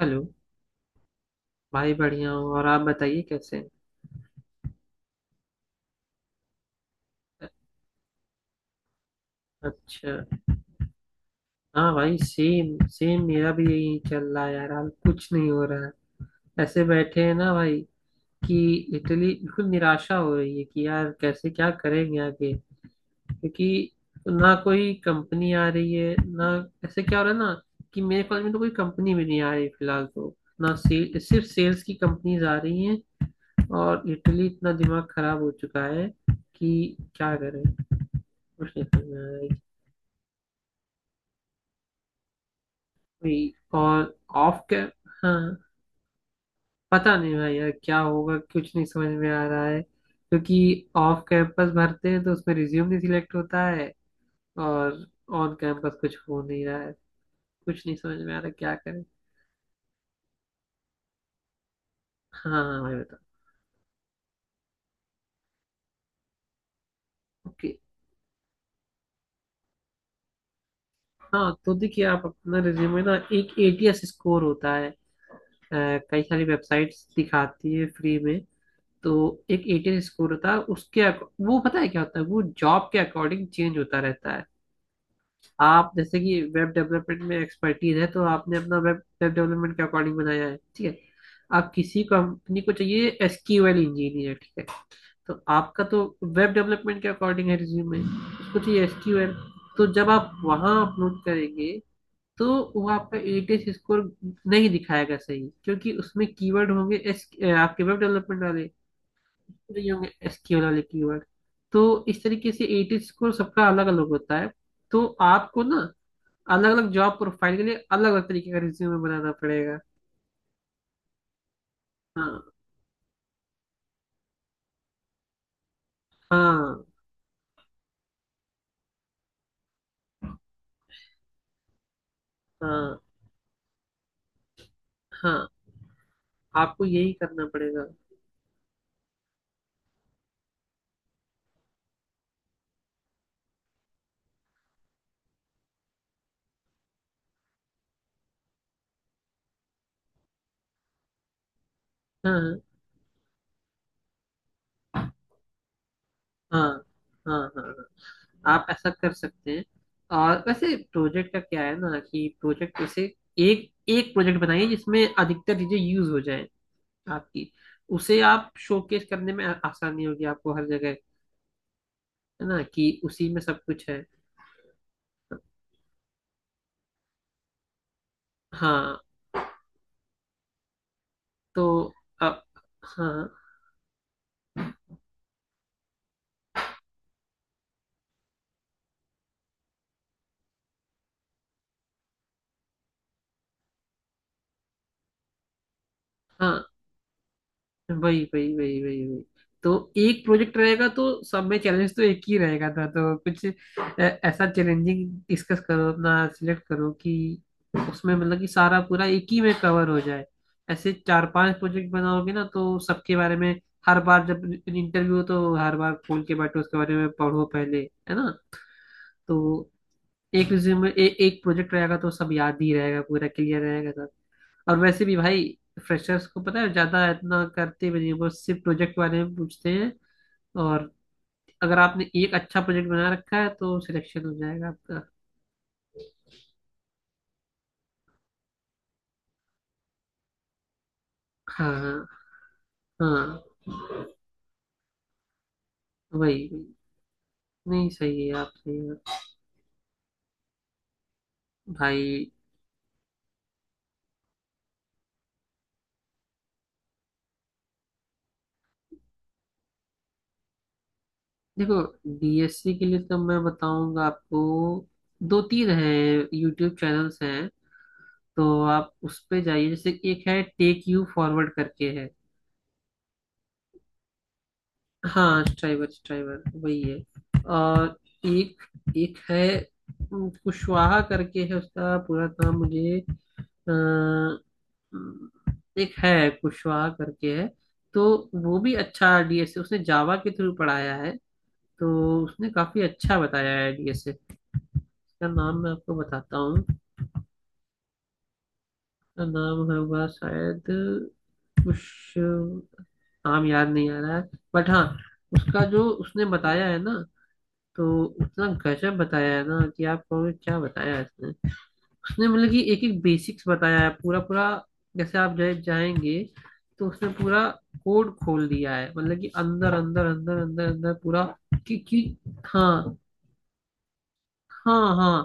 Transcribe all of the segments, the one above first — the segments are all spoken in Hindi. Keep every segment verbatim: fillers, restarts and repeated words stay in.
हेलो। भाई बढ़िया हूँ और आप बताइए कैसे हैं? अच्छा। हाँ भाई, सेम सेम मेरा भी यही चल रहा है यार। हाल कुछ नहीं हो रहा है, ऐसे बैठे हैं ना भाई कि इटली बिल्कुल निराशा हो रही है कि यार कैसे क्या करेंगे आगे। क्योंकि ना कोई कंपनी आ रही है ना। ऐसे क्या हो रहा है ना कि मेरे कॉलेज में तो कोई कंपनी भी नहीं आ रही फिलहाल तो। ना सेल सिर्फ सेल्स की कंपनीज आ रही हैं। और इटली इतना दिमाग खराब हो चुका है कि क्या करें, कुछ नहीं समझ में आ रहा है। वही। और ऑफ के। हाँ, पता नहीं भाई यार क्या होगा, कुछ नहीं समझ में आ रहा है। क्योंकि ऑफ कैंपस भरते हैं तो उसमें रिज्यूम नहीं सिलेक्ट होता है, और ऑन कैंपस कुछ हो नहीं रहा है। कुछ नहीं समझ में आ रहा क्या करें। हाँ हाँ भाई बताओ। ओके। हाँ तो देखिए, आप अपना रिज्यूमे ना, एक एटीएस स्कोर होता है। अ, कई सारी वेबसाइट्स दिखाती है फ्री में। तो एक एटीएस स्कोर होता है उसके अको- वो पता है क्या होता है, वो जॉब के अकॉर्डिंग चेंज होता रहता है। आप जैसे कि वेब डेवलपमेंट में एक्सपर्टीज है तो आपने अपना वेब वेब डेवलपमेंट के अकॉर्डिंग बनाया है, ठीक है। आप किसी कंपनी को चाहिए एसक्यूएल इंजीनियर, ठीक है। तो आपका तो वेब डेवलपमेंट के अकॉर्डिंग है रिज्यूमे, उसको चाहिए एसक्यूएल। तो जब आप वहां अपलोड करेंगे तो वो आपका एटीएस स्कोर नहीं दिखाएगा सही, क्योंकि उसमें कीवर्ड होंगे एस आपके वेब डेवलपमेंट वाले, नहीं होंगे एसक्यूएल वाले कीवर्ड। तो इस तरीके से एटीएस स्कोर सबका अलग अलग होता है। तो आपको ना अलग अलग जॉब प्रोफाइल के लिए अलग अलग तरीके का रिज्यूमे बनाना पड़ेगा। हाँ। हाँ हाँ हाँ। आपको यही करना पड़ेगा। हाँ हाँ हाँ हाँ हाँ हाँ, आप ऐसा कर सकते हैं। और वैसे प्रोजेक्ट का क्या है ना, कि प्रोजेक्ट उसे एक एक प्रोजेक्ट बनाइए जिसमें अधिकतर चीजें यूज हो जाए आपकी। उसे आप शोकेस करने में आ- आसानी होगी आपको हर जगह, है ना, कि उसी में सब कुछ है। हाँ। तो अब। हाँ हाँ। वही वही वही वही वही। तो एक प्रोजेक्ट रहेगा तो सब में चैलेंज तो एक ही रहेगा था, तो कुछ अ, ऐसा चैलेंजिंग डिस्कस करो, अपना सिलेक्ट करो कि उसमें मतलब कि सारा पूरा एक ही में कवर हो जाए। ऐसे चार पांच प्रोजेक्ट बनाओगे ना तो सबके बारे में हर बार जब इंटरव्यू हो तो हर बार खोल के बैठो उसके बारे में पढ़ो पहले, है ना। तो एक रिज्यूमे ए, एक प्रोजेक्ट रहेगा तो सब याद ही रहेगा, पूरा क्लियर रहेगा। और वैसे भी भाई, फ्रेशर्स को पता है ज्यादा इतना करते भी नहीं, वो सिर्फ प्रोजेक्ट बारे में पूछते हैं। और अगर आपने एक अच्छा प्रोजेक्ट बना रखा है तो सिलेक्शन हो जाएगा आपका। हाँ हाँ हाँ। वही वही। नहीं सही है, आप सही है भाई। देखो, डीएससी के लिए तो मैं बताऊंगा आपको, दो तीन हैं यूट्यूब चैनल्स हैं। तो आप उस पे जाइए। जैसे एक है टेक यू फॉरवर्ड करके है। हाँ, स्ट्राइवर, स्ट्राइवर वही है। और एक, एक है उम, कुशवाहा करके है, उसका पूरा नाम मुझे अ, एक है कुशवाहा करके है। तो वो भी अच्छा डीएसए उसने जावा के थ्रू पढ़ाया है। तो उसने काफी अच्छा बताया है डीएसए। उसका नाम मैं आपको बताता हूँ। उसका नाम होगा शायद कुछ, नाम याद नहीं आ रहा है, बट हाँ, उसका जो उसने बताया है ना, तो उतना गजब बताया है ना कि आप कहोगे क्या बताया है इसने। उसने मतलब कि एक एक बेसिक्स बताया है पूरा पूरा। जैसे आप जाए जाएंगे तो उसने पूरा कोड खोल दिया है, मतलब कि अंदर अंदर अंदर अंदर अंदर पूरा, कि कि। हाँ हाँ हाँ,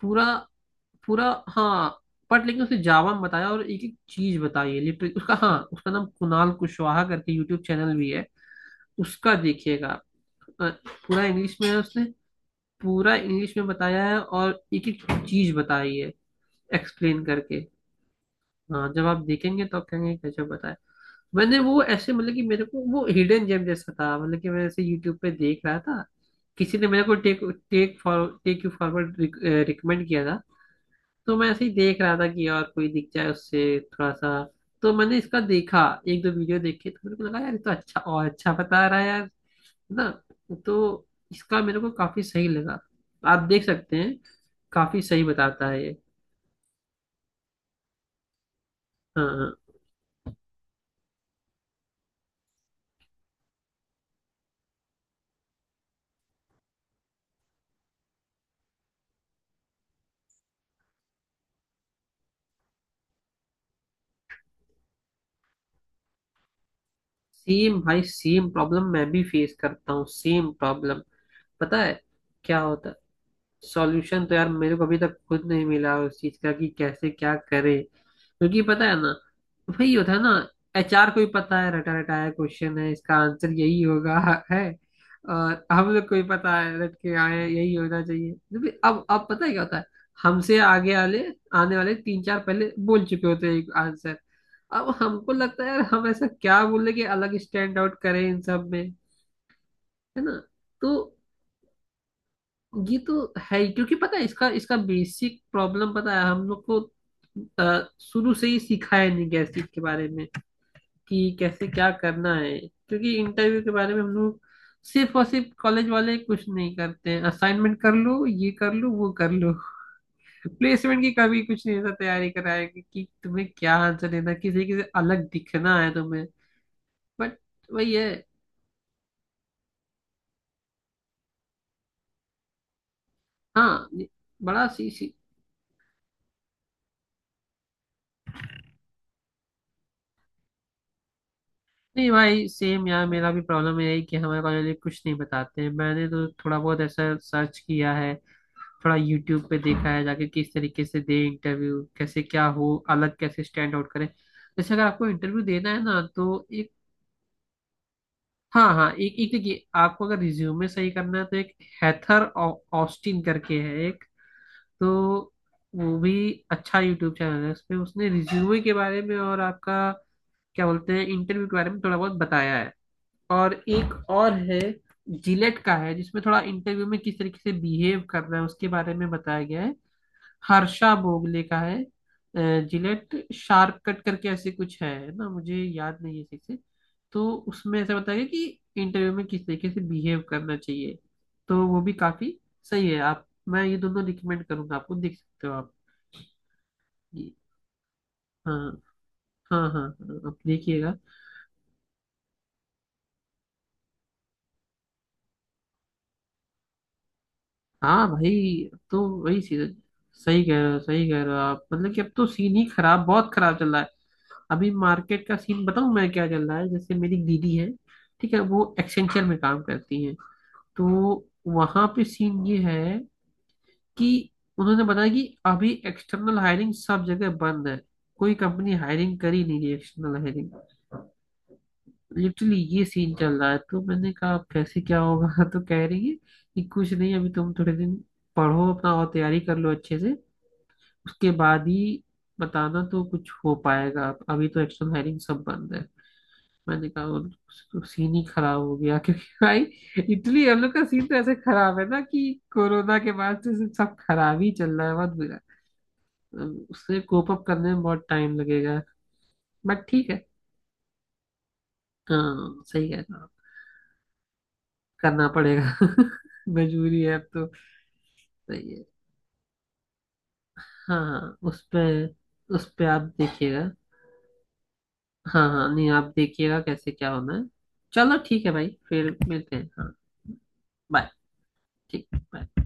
पूरा पूरा हाँ। बट लेकिन उसने जावा में बताया, और एक एक चीज बताई है लिटरली, उसका, हाँ उसका नाम कुणाल कुशवाहा करके यूट्यूब चैनल भी है। उसका देखिएगा आप। अ, पूरा इंग्लिश में है उसने, पूरा इंग्लिश में बताया है, और एक एक चीज बताई है एक्सप्लेन करके। हाँ, जब आप देखेंगे तो आप कहेंगे कैसे बताया। मैंने वो ऐसे, मतलब कि मेरे को वो हिडन जेम जैसा था। मतलब कि मैं ऐसे यूट्यूब पे देख रहा था, किसी ने मेरे को take take for take you forward recommend किया था। तो मैं ऐसे ही देख रहा था कि और कोई दिख जाए उससे थोड़ा सा। तो मैंने इसका देखा, एक दो वीडियो देखे तो मेरे को लगा यार ये तो अच्छा, और अच्छा बता रहा है यार, है ना। तो इसका मेरे को काफी सही लगा। आप देख सकते हैं, काफी सही बताता है ये। हाँ हाँ, सेम भाई सेम प्रॉब्लम मैं भी फेस करता हूँ, सेम प्रॉब्लम। पता है क्या होता है? सॉल्यूशन तो यार मेरे को अभी तक खुद नहीं मिला उस चीज का, कि कैसे क्या करे, क्योंकि पता है ना, वही होता है ना। एचआर को ही पता है रटा रटाया क्वेश्चन है, इसका आंसर यही होगा है। और हम लोग को ही पता है रट के आए हैं, यही होना चाहिए, क्योंकि अब अब पता है क्या होता है, हमसे आगे वाले, आने वाले तीन चार पहले बोल चुके होते हैं एक आंसर। अब हमको लगता है यार हम ऐसा क्या बोले कि अलग स्टैंड आउट करें इन सब में, है ना। तो ये तो है ही, क्योंकि पता है इसका इसका बेसिक प्रॉब्लम पता है हम लोग को, अ, शुरू से ही सिखाया नहीं गया इस चीज के बारे में कि कैसे क्या करना है, क्योंकि इंटरव्यू के बारे में हम लोग, सिर्फ और सिर्फ कॉलेज वाले कुछ नहीं करते हैं, असाइनमेंट कर लो, ये कर लो, वो कर लो, प्लेसमेंट की कभी कुछ नहीं ऐसा तैयारी कराएंगे कि तुम्हें क्या आंसर देना, किसी किसी अलग दिखना है तुम्हें। बट वही है। हाँ ये। बड़ा सी, सी। नहीं भाई सेम यार, मेरा भी प्रॉब्लम यही है कि हमारे कॉलेज में कुछ नहीं बताते हैं। मैंने तो थोड़ा बहुत ऐसा सर्च किया है, थोड़ा यूट्यूब पे देखा है जाके, किस तरीके से दे इंटरव्यू, कैसे क्या हो, अलग कैसे स्टैंड आउट करें। जैसे अगर आपको इंटरव्यू देना है ना तो एक, हाँ हाँ, एक एक देखिए, आपको अगर रिज्यूमे सही करना है तो एक हैथर ऑ- ऑस्टिन करके है एक। तो वो भी अच्छा यूट्यूब चैनल है, उसपे उसने रिज्यूमे के बारे में, और आपका क्या बोलते हैं, इंटरव्यू के बारे में थोड़ा बहुत बताया है। और एक और है जिलेट का है, जिसमें थोड़ा इंटरव्यू में किस तरीके से बिहेव करना है उसके बारे में बताया गया है। हर्षा बोगले का है अ, जिलेट शार्प कट करके ऐसे कुछ है ना, मुझे याद नहीं है ठीक से। तो उसमें ऐसा बताया गया कि इंटरव्यू में किस तरीके से बिहेव करना चाहिए। तो वो भी काफी सही है। आप, मैं ये दोनों रिकमेंड करूंगा आपको, देख सकते हो आप ये। हाँ हाँ हाँ हाँ, आप देखिएगा। हाँ भाई। अब तो वही चीज है। सही कह रहे हो, सही कह रहे हो आप। मतलब कि अब तो सीन ही खराब, बहुत खराब चल रहा है। अभी मार्केट का सीन बताऊं मैं क्या चल रहा है। जैसे मेरी दीदी है, ठीक है, वो एक्सेंचर में काम करती है। तो वहां पे सीन ये है कि उन्होंने बताया कि अभी एक्सटर्नल हायरिंग सब जगह बंद है, कोई कंपनी हायरिंग कर ही नहीं रही एक्सटर्नल हायरिंग। लिटरली ये सीन चल रहा है। तो मैंने कहा अब कैसे क्या होगा तो कह रही है कि कुछ नहीं, अभी तुम थोड़े दिन पढ़ो अपना और तैयारी कर लो अच्छे से, उसके बाद ही बताना तो कुछ हो पाएगा, अभी तो एक्सटर्नल हायरिंग सब बंद है। मैंने कहा, और तो सीन ही खराब हो गया क्योंकि भाई इटली हम लोग का सीन तो ऐसे खराब है ना, कि कोरोना के बाद से सब खराब ही चल रहा है, बहुत बुरा। अम, उससे कोप अप करने में बहुत टाइम लगेगा। बट ठीक है। हाँ सही है ना, करना पड़ेगा मजबूरी है अब तो। सही है। हाँ उस पे उस पे आप देखिएगा। हाँ हाँ, नहीं आप देखिएगा कैसे क्या होना है। चलो ठीक है भाई फिर मिलते हैं, हाँ। बाय, ठीक बाय।